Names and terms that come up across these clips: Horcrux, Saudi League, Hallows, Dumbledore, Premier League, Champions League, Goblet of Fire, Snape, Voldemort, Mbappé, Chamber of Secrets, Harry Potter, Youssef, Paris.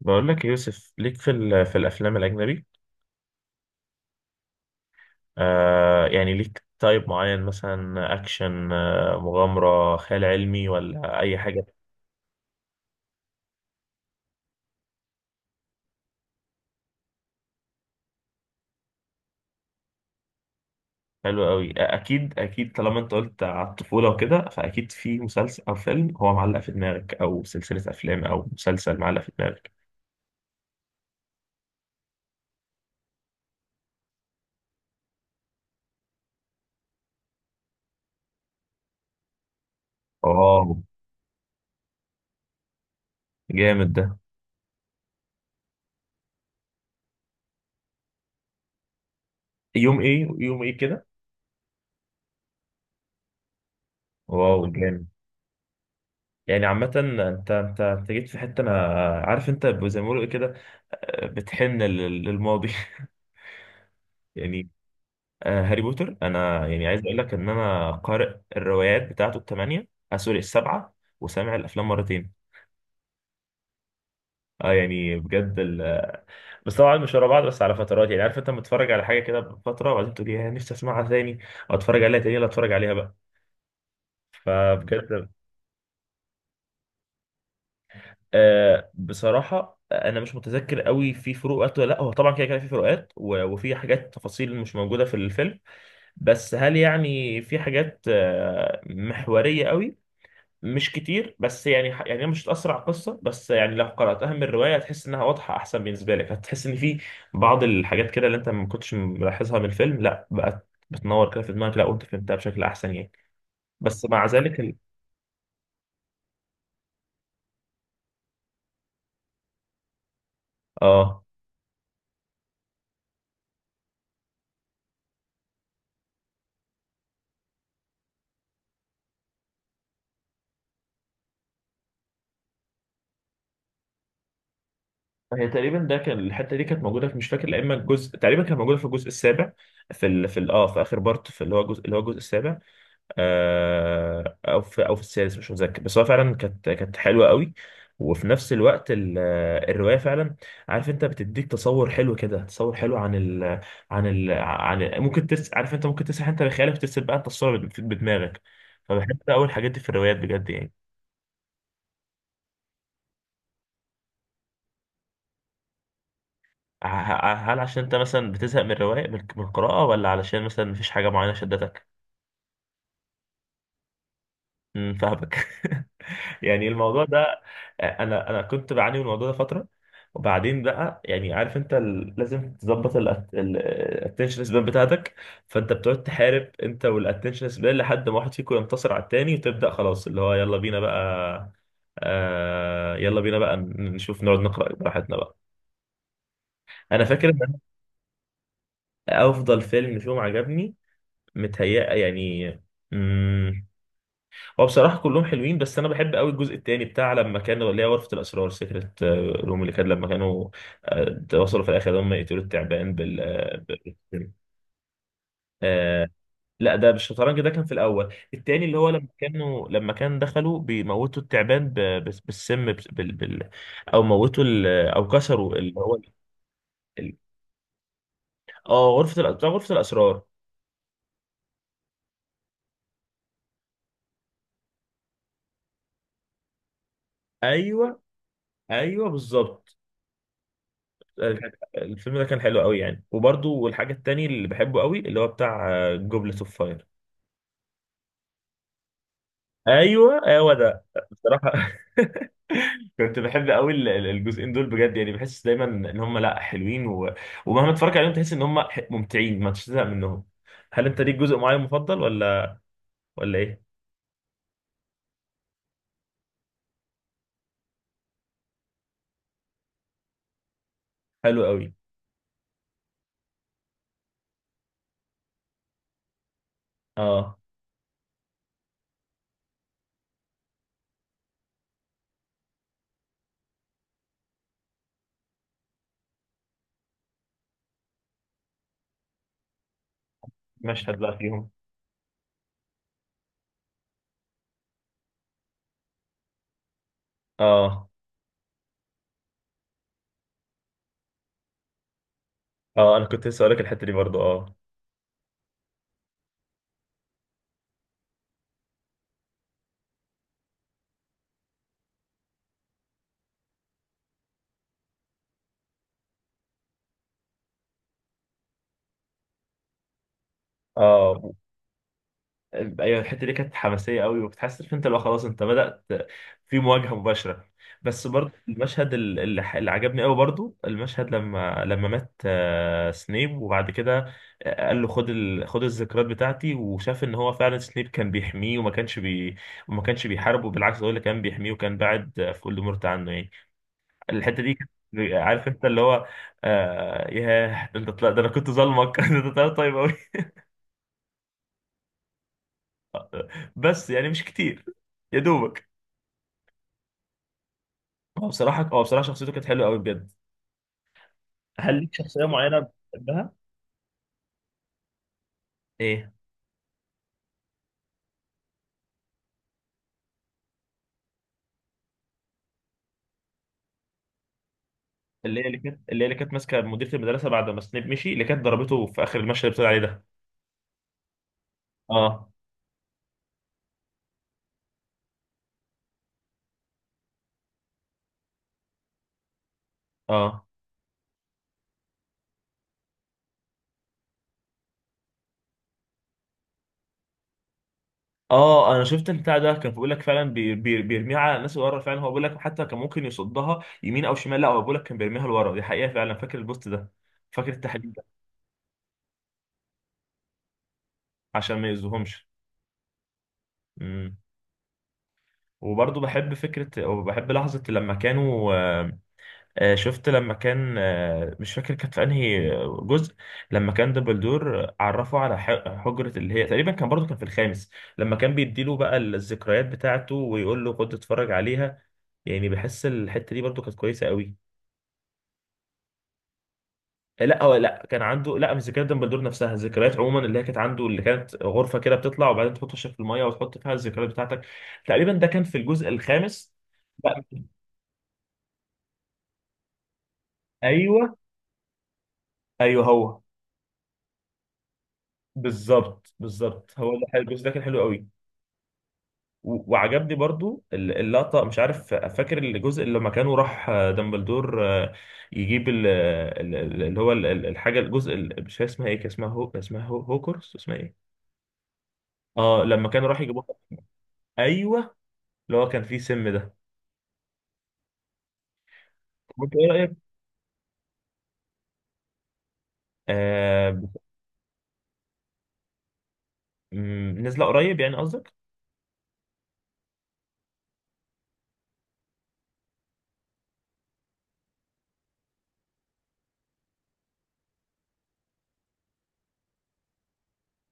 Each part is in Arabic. بقول لك يا يوسف، ليك في في الافلام الاجنبي؟ يعني ليك تايب معين، مثلا اكشن، مغامره، خيال علمي، ولا اي حاجه؟ حلوه قوي. آه، اكيد اكيد، طالما انت قلت على الطفوله وكده، فاكيد في مسلسل او فيلم هو معلق في دماغك، او سلسله افلام او مسلسل معلق في دماغك. واو، جامد ده. يوم ايه؟ يوم ايه كده؟ واو، جامد. يعني عامة انت جيت في حتة انا عارف، انت زي ما بيقولوا إيه كده، بتحن للماضي يعني. آه، هاري بوتر، انا يعني عايز اقول لك ان انا قارئ الروايات بتاعته الثمانيه، آه سوري، السبعه، وسامع الافلام مرتين. اه، يعني بجد ال... آه، بس طبعا مش ورا بعض، بس على فترات، يعني عارف انت متفرج على حاجه كده بفتره، وبعدين تقول يا نفسي اسمعها تاني، او اتفرج عليها تاني، ولا اتفرج عليها بقى، فبجد. آه بصراحه انا مش متذكر قوي، في فروقات ولا لا؟ هو طبعا كده كده في فروقات، وفي حاجات تفاصيل مش موجوده في الفيلم، بس هل يعني في حاجات محوريه قوي؟ مش كتير، بس يعني يعني هي مش هتأثر على القصة، بس يعني لو قرأتها من الرواية هتحس إنها واضحة أحسن، بالنسبة لك هتحس إن في بعض الحاجات كده اللي أنت ما كنتش ملاحظها من الفيلم، لا بقت بتنور كده في دماغك، لا وأنت فهمتها بشكل أحسن يعني. بس مع ذلك ال... آه هي تقريبا ده كان، الحتة دي كانت موجودة في، مش فاكر، لا إما الجزء، تقريبا كانت موجودة في الجزء السابع، في ال... في ال... آه في آخر بارت، في اللي هو الجزء، اللي هو الجزء السابع، آه، او في السادس، مش متذكر. بس هو فعلا كانت حلوه قوي. وفي نفس الوقت آه، الروايه فعلا، عارف انت، بتديك تصور حلو كده، تصور حلو عن ال عن ال عن ال ممكن تس عارف انت ممكن تسرح انت بخيالك، ترسم بقى انت الصوره بدماغك. فبحب ده، اول حاجات دي في الروايات بجد يعني. هل عشان انت مثلا بتزهق من الروايه، من القراءه، ولا علشان مثلا مفيش حاجه معينه شدتك؟ مم، فاهمك يعني الموضوع ده. انا انا كنت بعاني من الموضوع ده فتره، وبعدين بقى يعني عارف انت، لازم تظبط الاتنشن سبان بتاعتك، فانت بتقعد تحارب انت والاتنشن سبان لحد ما واحد فيكم ينتصر على التاني، وتبدا خلاص اللي هو يلا بينا بقى. آه، يلا بينا بقى نشوف، نقعد نقرا براحتنا بقى. انا فاكر ان أنا افضل فيلم فيهم عجبني، متهيأ يعني، هو بصراحة كلهم حلوين، بس أنا بحب قوي الجزء التاني بتاع لما كانوا، اللي هي غرفة الأسرار، سكرة روم، اللي كان لما كانوا وصلوا في الآخر هم يقتلوا التعبان آه، لا ده بالشطرنج، ده كان في الأول، التاني اللي هو لما كانوا، لما كان دخلوا بيموتوا التعبان، بالسم، أو موتوا أو كسروا اللي هو ال- اه، بتاع غرفة الأسرار. أيوه، أيوه بالظبط. الفيلم ده كان حلو قوي يعني. وبرضه والحاجة التانية اللي بحبه قوي، اللي هو بتاع جوبلت اوف فاير. ايوه، هو ده. بصراحة كنت بحب قوي الجزئين دول بجد يعني، بحس دايما ان هم لا حلوين ومهما تتفرج عليهم تحس ان هم ممتعين ما تشتاق منهم. هل انت ليك جزء معين مفضل، ولا ولا ايه؟ حلو قوي. اه، مشهد بقى فيهم. اه، اه، انا كنت لسه هقول لك الحتة دي برضو، اه اه. ايوه الحته دي كانت حماسيه قوي، وبتحس إن انت لو خلاص انت بدات في مواجهه مباشره. بس برضه المشهد اللي عجبني قوي برضه، المشهد لما مات آه، سنيب وبعد كده آه، قال له خد خد الذكريات بتاعتي، وشاف ان هو فعلا سنيب كان بيحميه وما كانش وما كانش بيحاربه، بالعكس هو اللي كان بيحميه، وكان بعد آه، في voldemort عنه يعني. الحته دي كانت، عارف انت اللي هو، آه ياه، ده انت طلع، ده انا كنت ظالمك ده انت طلعت طيب قوي. بس يعني مش كتير، يا دوبك. هو بصراحة، هو بصراحة شخصيته كانت حلوة قوي بجد. هل ليك شخصية معينة بتحبها؟ ايه؟ اللي هي اللي كانت، اللي هي اللي كانت ماسكة مديرة المدرسة بعد ما سنيب مشي، اللي كانت ضربته في آخر المشهد اللي بتقول عليه ده. اه اه. اه انا شفت البتاع ده كان بيقول لك فعلا بيرميها على الناس اللي ورا، فعلا هو بيقول لك حتى كان ممكن يصدها يمين او شمال، لا هو بيقول لك كان بيرميها لورا، دي حقيقة فعلا، فاكر البوست ده، فاكر التحليل ده. عشان ما يأذوهمش. امم. وبرضه بحب فكرة وبحب لحظة لما كانوا آه، آه، شفت لما كان آه، مش فاكر كانت في انهي جزء، لما كان دبلدور عرفه على حجرة اللي هي تقريبا كان برضه كان في الخامس، لما كان بيديله بقى الذكريات بتاعته ويقول له خد اتفرج عليها، يعني بحس الحتة دي برضه كانت كويسة قوي. آه، لا هو لا كان عنده، لا مش ذكريات دمبلدور نفسها، ذكريات عموما اللي هي كانت عنده، اللي كانت غرفة كده بتطلع، وبعدين تحط وشك في المية وتحط فيها الذكريات بتاعتك، تقريبا ده كان في الجزء الخامس. لا ايوه، ايوه هو، بالظبط بالظبط، هو ده الجزء، ده كان حلو قوي. وعجبني برضو اللقطة مش عارف، فاكر الجزء اللي لما كانوا راح آه، دامبلدور آه، يجيب اللي هو الحاجة، مش عارف اسمها ايه، كان اسمها هو، اسمها هو هوكرس، اسمها ايه؟ اه لما كانوا راح يجيبوها. ايوه، اللي هو كان فيه سم ده. وانت ايه رأيك؟ آه ب- نزل قريب يعني قصدك؟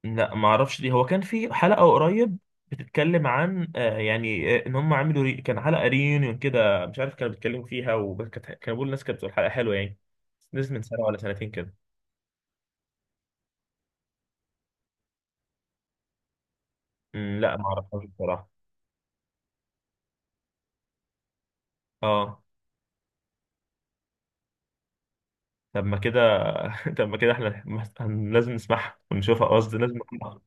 لا ما اعرفش، ليه هو كان في حلقه قريب بتتكلم عن آه، يعني آه، ان هم عملوا كان حلقه ريunion كده، مش عارف كانوا بيتكلموا فيها، وكانت كانوا بيقولوا، الناس كانت بتقول حلقه حلوه يعني، نزل من سنه ولا سنتين كده. أمم، لا ما اعرفهاش بصراحه. اه، طب ما كده طب ما كده احنا لازم نسمعها ونشوفها، آه، قصدي لازم نسمعها.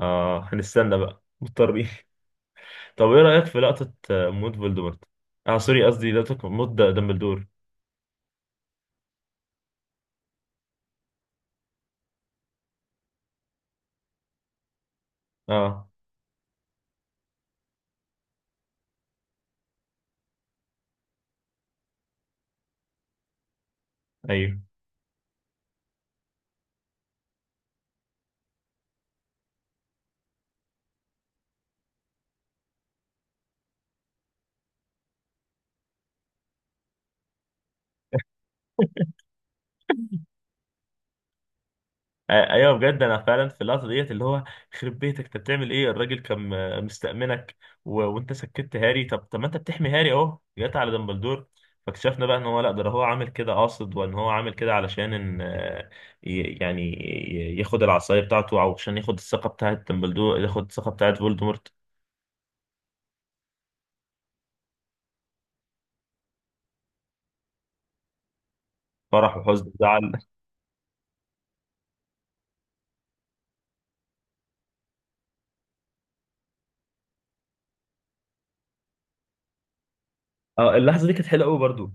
اه، هنستنى بقى مضطرين طب ايه رايك في لقطه آه، موت فولدمورت، اه سوري قصدي لقطه موت دامبلدور؟ اه ايوه آه، ايوه بجد انا فعلا في اللحظه ديت اللي هو خرب بيتك، انت بتعمل ايه؟ الراجل كان آه، مستأمنك، وانت سكت هاري، طب ما انت بتحمي هاري، اهو جت على دمبلدور. فاكتشفنا بقى ان هو لا ده هو عامل كده قاصد، وان هو عامل كده علشان ان آه، ي- يعني ياخد العصايه بتاعته، او عشان ياخد الثقه بتاعت دمبلدور، ياخد الثقه بتاعت فولدمورت. فرح وحزن وزعل. اه اللحظه دي كانت حلوه قوي برضو.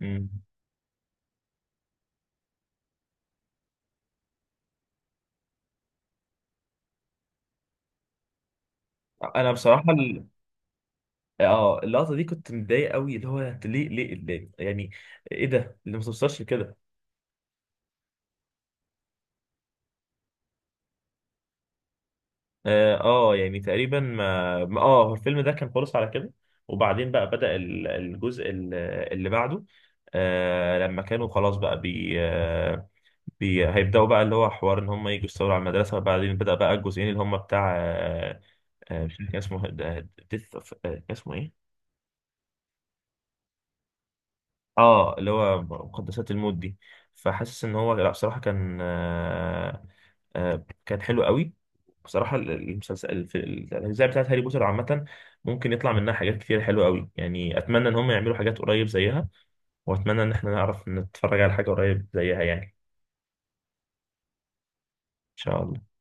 مم. انا بصراحه اه اللقطه دي كنت متضايق قوي، اللي هو انت ليه ليه ليه يعني، ايه ده اللي ما توصلش كده. اه آه، يعني تقريبا اه هو الفيلم ده كان خلص على كده، وبعدين بقى بدأ الجزء اللي بعده، آه لما كانوا خلاص بقى بي, آه بي هيبدأوا بقى، اللي هو حوار ان هم يجوا يستولوا على المدرسة، وبعدين بدأ بقى الجزئين اللي هم بتاع آه، آه مش فاكر كان اسمه، ديث اوف، اسمه ايه؟ اه اللي هو مقدسات الموت دي. فحاسس ان هو لا بصراحه كان آه آه كان حلو قوي. بصراحه الاجزاء بتاعت هاري بوتر عامه ممكن يطلع منها حاجات كتير حلوه قوي يعني، اتمنى ان هم يعملوا حاجات قريب زيها، واتمنى ان احنا نعرف نتفرج على حاجه قريب زيها يعني. ان شاء الله.